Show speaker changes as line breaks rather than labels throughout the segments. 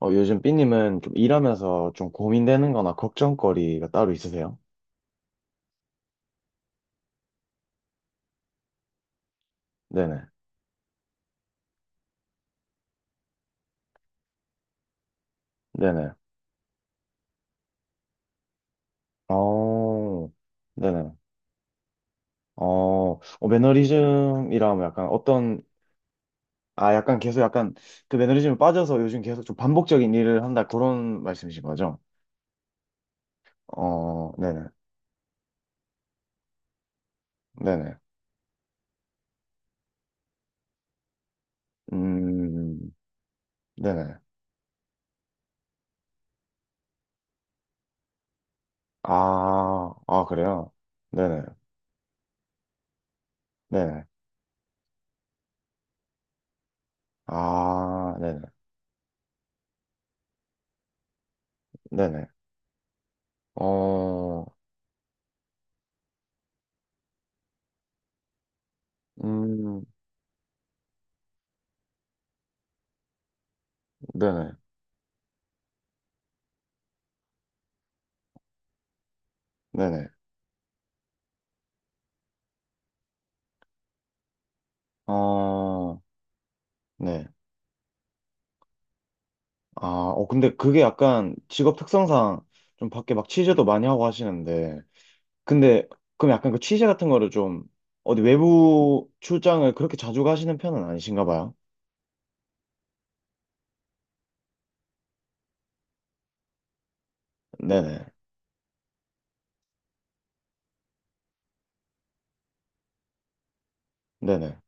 요즘 삐님은 좀 일하면서 좀 고민되는 거나 걱정거리가 따로 있으세요? 네네. 네네. 어, 네네. 어, 매너리즘이라면 약간 어떤, 아, 약간 계속 약간 그 매너리즘에 빠져서 요즘 계속 좀 반복적인 일을 한다 그런 말씀이신 거죠? 네네. 네네. 음, 네네. 아, 아, 그래요? 네네. 네네. 아, 네네. 네네. 어, 음, 네네. 네네. 어, 네. 아, 근데 그게 약간 직업 특성상 좀 밖에 막 취재도 많이 하고 하시는데. 근데 그럼 약간 그 취재 같은 거를 좀 어디 외부 출장을 그렇게 자주 가시는 편은 아니신가 봐요? 네네. 네네.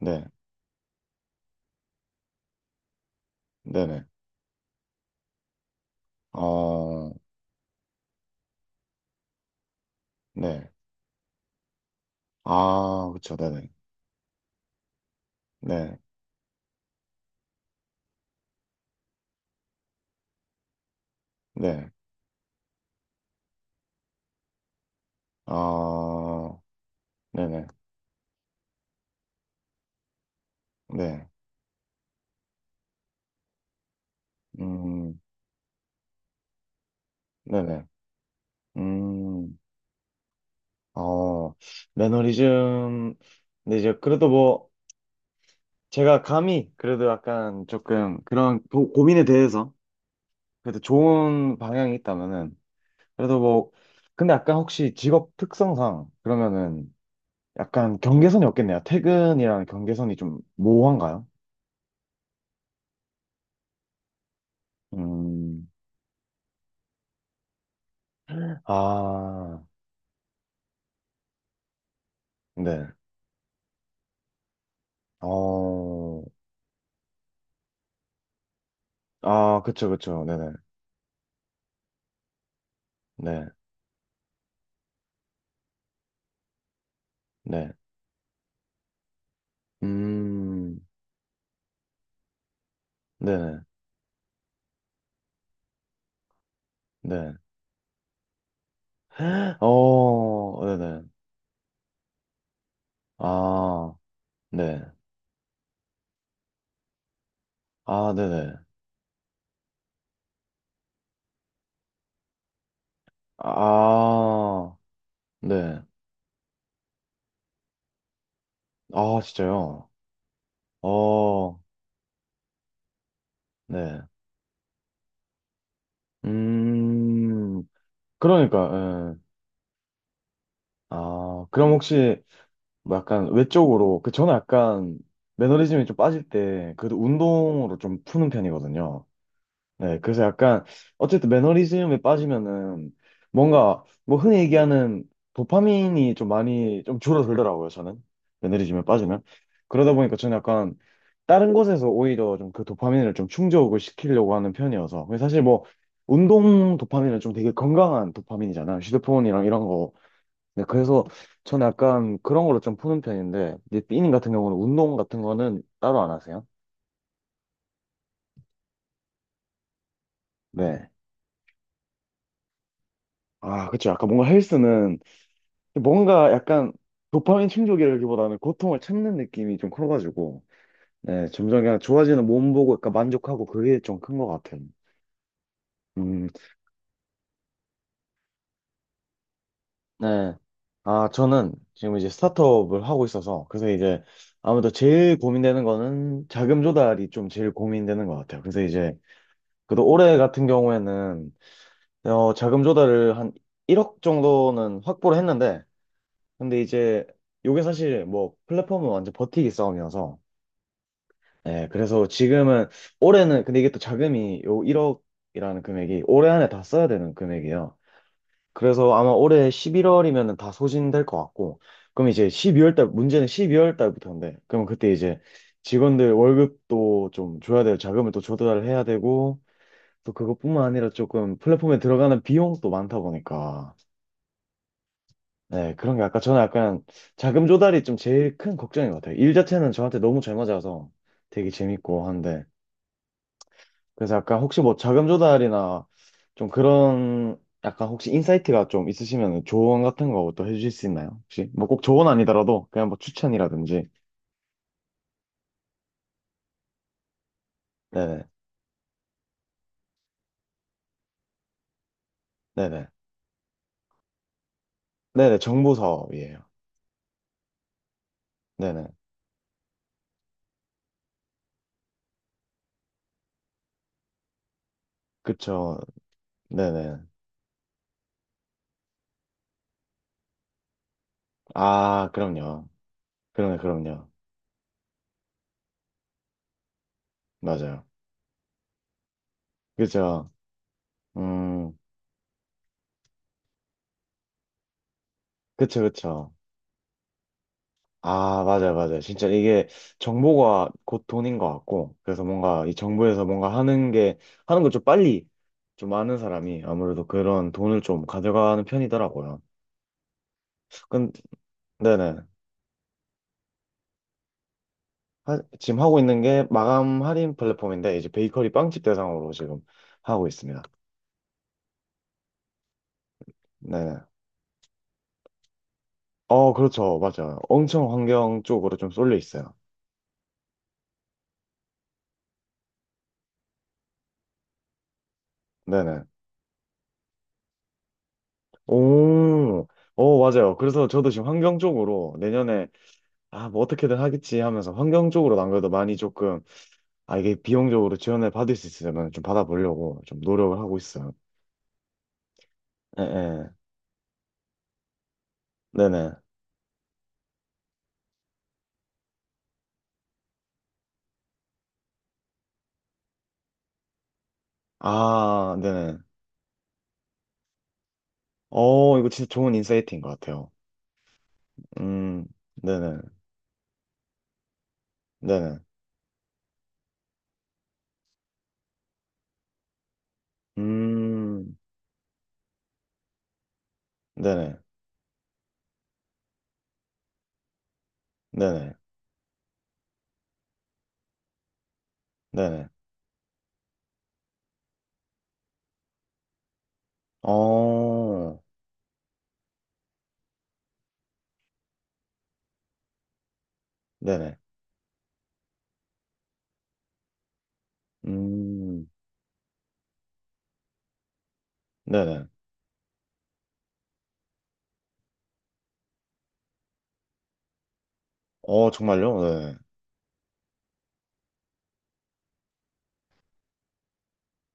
네. 네네. 어, 네. 아, 그쵸. 네네. 네. 네. 아, 네네. 네. 음, 네네. 음, 어, 매너리즘. 근데 이제 그래도 뭐, 제가 감히 그래도 약간 조금 그런 고민에 대해서 그래도 좋은 방향이 있다면은 그래도 뭐 근데 약간 혹시 직업 특성상 그러면은 약간 경계선이 없겠네요. 퇴근이랑 경계선이 좀 모호한가요? 음. 아, 네. 어. 아, 그쵸, 그쵸. 네네. 네. 네. 음. 네네. 네. 어. 네네. 아. 네. 아, 네네. 아. 네. 아, 진짜요? 어, 네. 음, 그러니까, 예. 아, 그럼 혹시, 뭐 약간, 외적으로, 그, 저는 약간, 매너리즘이 좀 빠질 때, 그래도 운동으로 좀 푸는 편이거든요. 네, 그래서 약간 어쨌든 매너리즘에 빠지면은 뭔가 뭐 흔히 얘기하는 도파민이 좀 많이 좀 줄어들더라고요, 저는. 매너리즘에 빠지면. 그러다 보니까 저는 약간 다른 곳에서 오히려 좀 그 도파민을 좀 충족을 시키려고 하는 편이어서. 근데 사실 뭐 운동 도파민은 좀 되게 건강한 도파민이잖아요. 휴대폰이랑 이런 거. 네, 그래서 저는 약간 그런 걸로 좀 푸는 편인데, 이제 삐님 같은 경우는 운동 같은 거는 따로 안 하세요? 네. 아, 그쵸. 약간 뭔가 헬스는 뭔가 약간 도파민 충족이라기보다는 고통을 참는 느낌이 좀 커가지고, 네, 점점 그냥 좋아지는 몸 보고 약간 만족하고 그게 좀 큰 것 같아요. 음, 네. 아, 저는 지금 이제 스타트업을 하고 있어서, 그래서 이제 아무래도 제일 고민되는 거는 자금 조달이 좀 제일 고민되는 것 같아요. 그래서 이제, 그래도 올해 같은 경우에는, 자금 조달을 한 1억 정도는 확보를 했는데, 근데 이제, 요게 사실 뭐 플랫폼은 완전 버티기 싸움이어서, 네, 그래서 지금은 올해는 근데 이게 또 자금이 요 1억이라는 금액이 올해 안에 다 써야 되는 금액이에요. 그래서 아마 올해 11월이면 다 소진될 것 같고, 그럼 이제 12월 달 문제는 12월 달부터인데, 그럼 그때 이제 직원들 월급도 좀 줘야 될 자금을 또 조달을 해야 되고, 또 그것뿐만 아니라 조금 플랫폼에 들어가는 비용도 많다 보니까, 네, 그런 게 아까 저는 약간 자금 조달이 좀 제일 큰 걱정인 것 같아요. 일 자체는 저한테 너무 잘 맞아서 되게 재밌고 한데. 그래서 약간 혹시 뭐 자금 조달이나 좀 그런 약간 혹시 인사이트가 좀 있으시면 조언 같은 거 또 해주실 수 있나요? 혹시 뭐 꼭 조언 아니더라도 그냥 뭐 추천이라든지 네네. 네네. 네네. 정보 사업이에요. 네네. 그쵸. 네네. 아 그럼요. 그럼요 그럼요. 맞아요. 그쵸. 음. 그쵸 그쵸. 아, 맞아요, 맞아요. 진짜 이게 정보가 곧 돈인 것 같고, 그래서 뭔가 이 정부에서 뭔가 하는 게, 하는 걸 좀 빨리 좀 아는 사람이 아무래도 그런 돈을 좀 가져가는 편이더라고요. 근데, 네네. 지금 하고 있는 게 마감 할인 플랫폼인데, 이제 베이커리 빵집 대상으로 지금 하고 있습니다. 네네. 어, 그렇죠. 맞아요. 엄청 환경 쪽으로 좀 쏠려 있어요. 네네. 오, 오 맞아요. 그래서 저도 지금 환경 쪽으로 내년에 아, 뭐 어떻게든 하겠지 하면서 환경적으로 안 그래도 많이 조금, 아, 이게 비용적으로 지원을 받을 수 있으면 좀 받아보려고 좀 노력을 하고 있어요. 예, 예. 네네. 아, 네네. 어, 이거 진짜 좋은 인사이트인 것 같아요. 음, 네네. 네네. 음, 네네. 네네. 네네. 어, 네네. 음, 네네. 어, 정말요? 네네.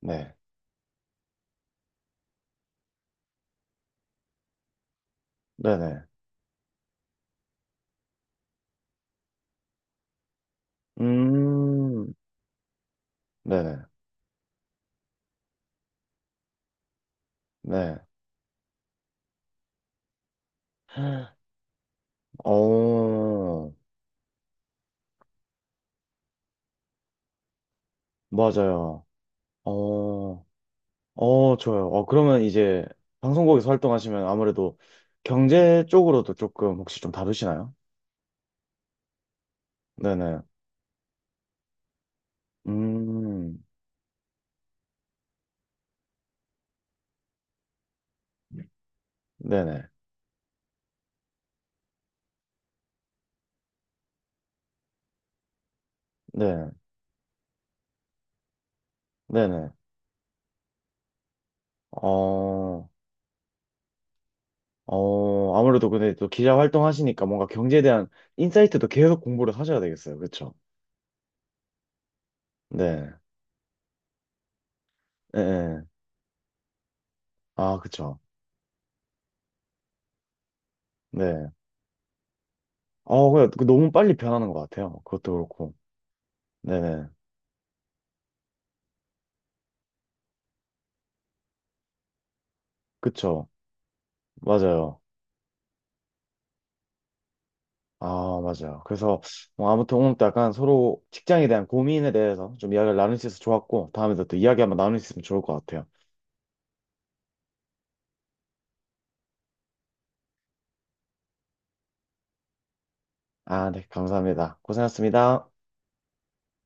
네. 네네. 음, 네네. 네. 어, 맞아요. 어, 좋아요. 그러면 이제 방송국에서 활동하시면 아무래도 경제 쪽으로도 조금 혹시 좀 다루시나요? 네네. 음, 네네. 네, 네네. 어, 아무래도 근데 또 기자 활동하시니까 뭔가 경제에 대한 인사이트도 계속 공부를 하셔야 되겠어요. 그쵸? 네. 네. 네. 아, 그쵸. 네. 어, 그냥 너무 빨리 변하는 것 같아요. 그것도 그렇고. 네네. 그쵸. 맞아요. 아, 맞아요. 그래서 뭐 아무튼 오늘 또 약간 서로 직장에 대한 고민에 대해서 좀 이야기를 나눌 수 있어서 좋았고, 다음에도 또 이야기 한번 나눌 수 있으면 좋을 것 같아요. 아, 네, 감사합니다. 고생하셨습니다.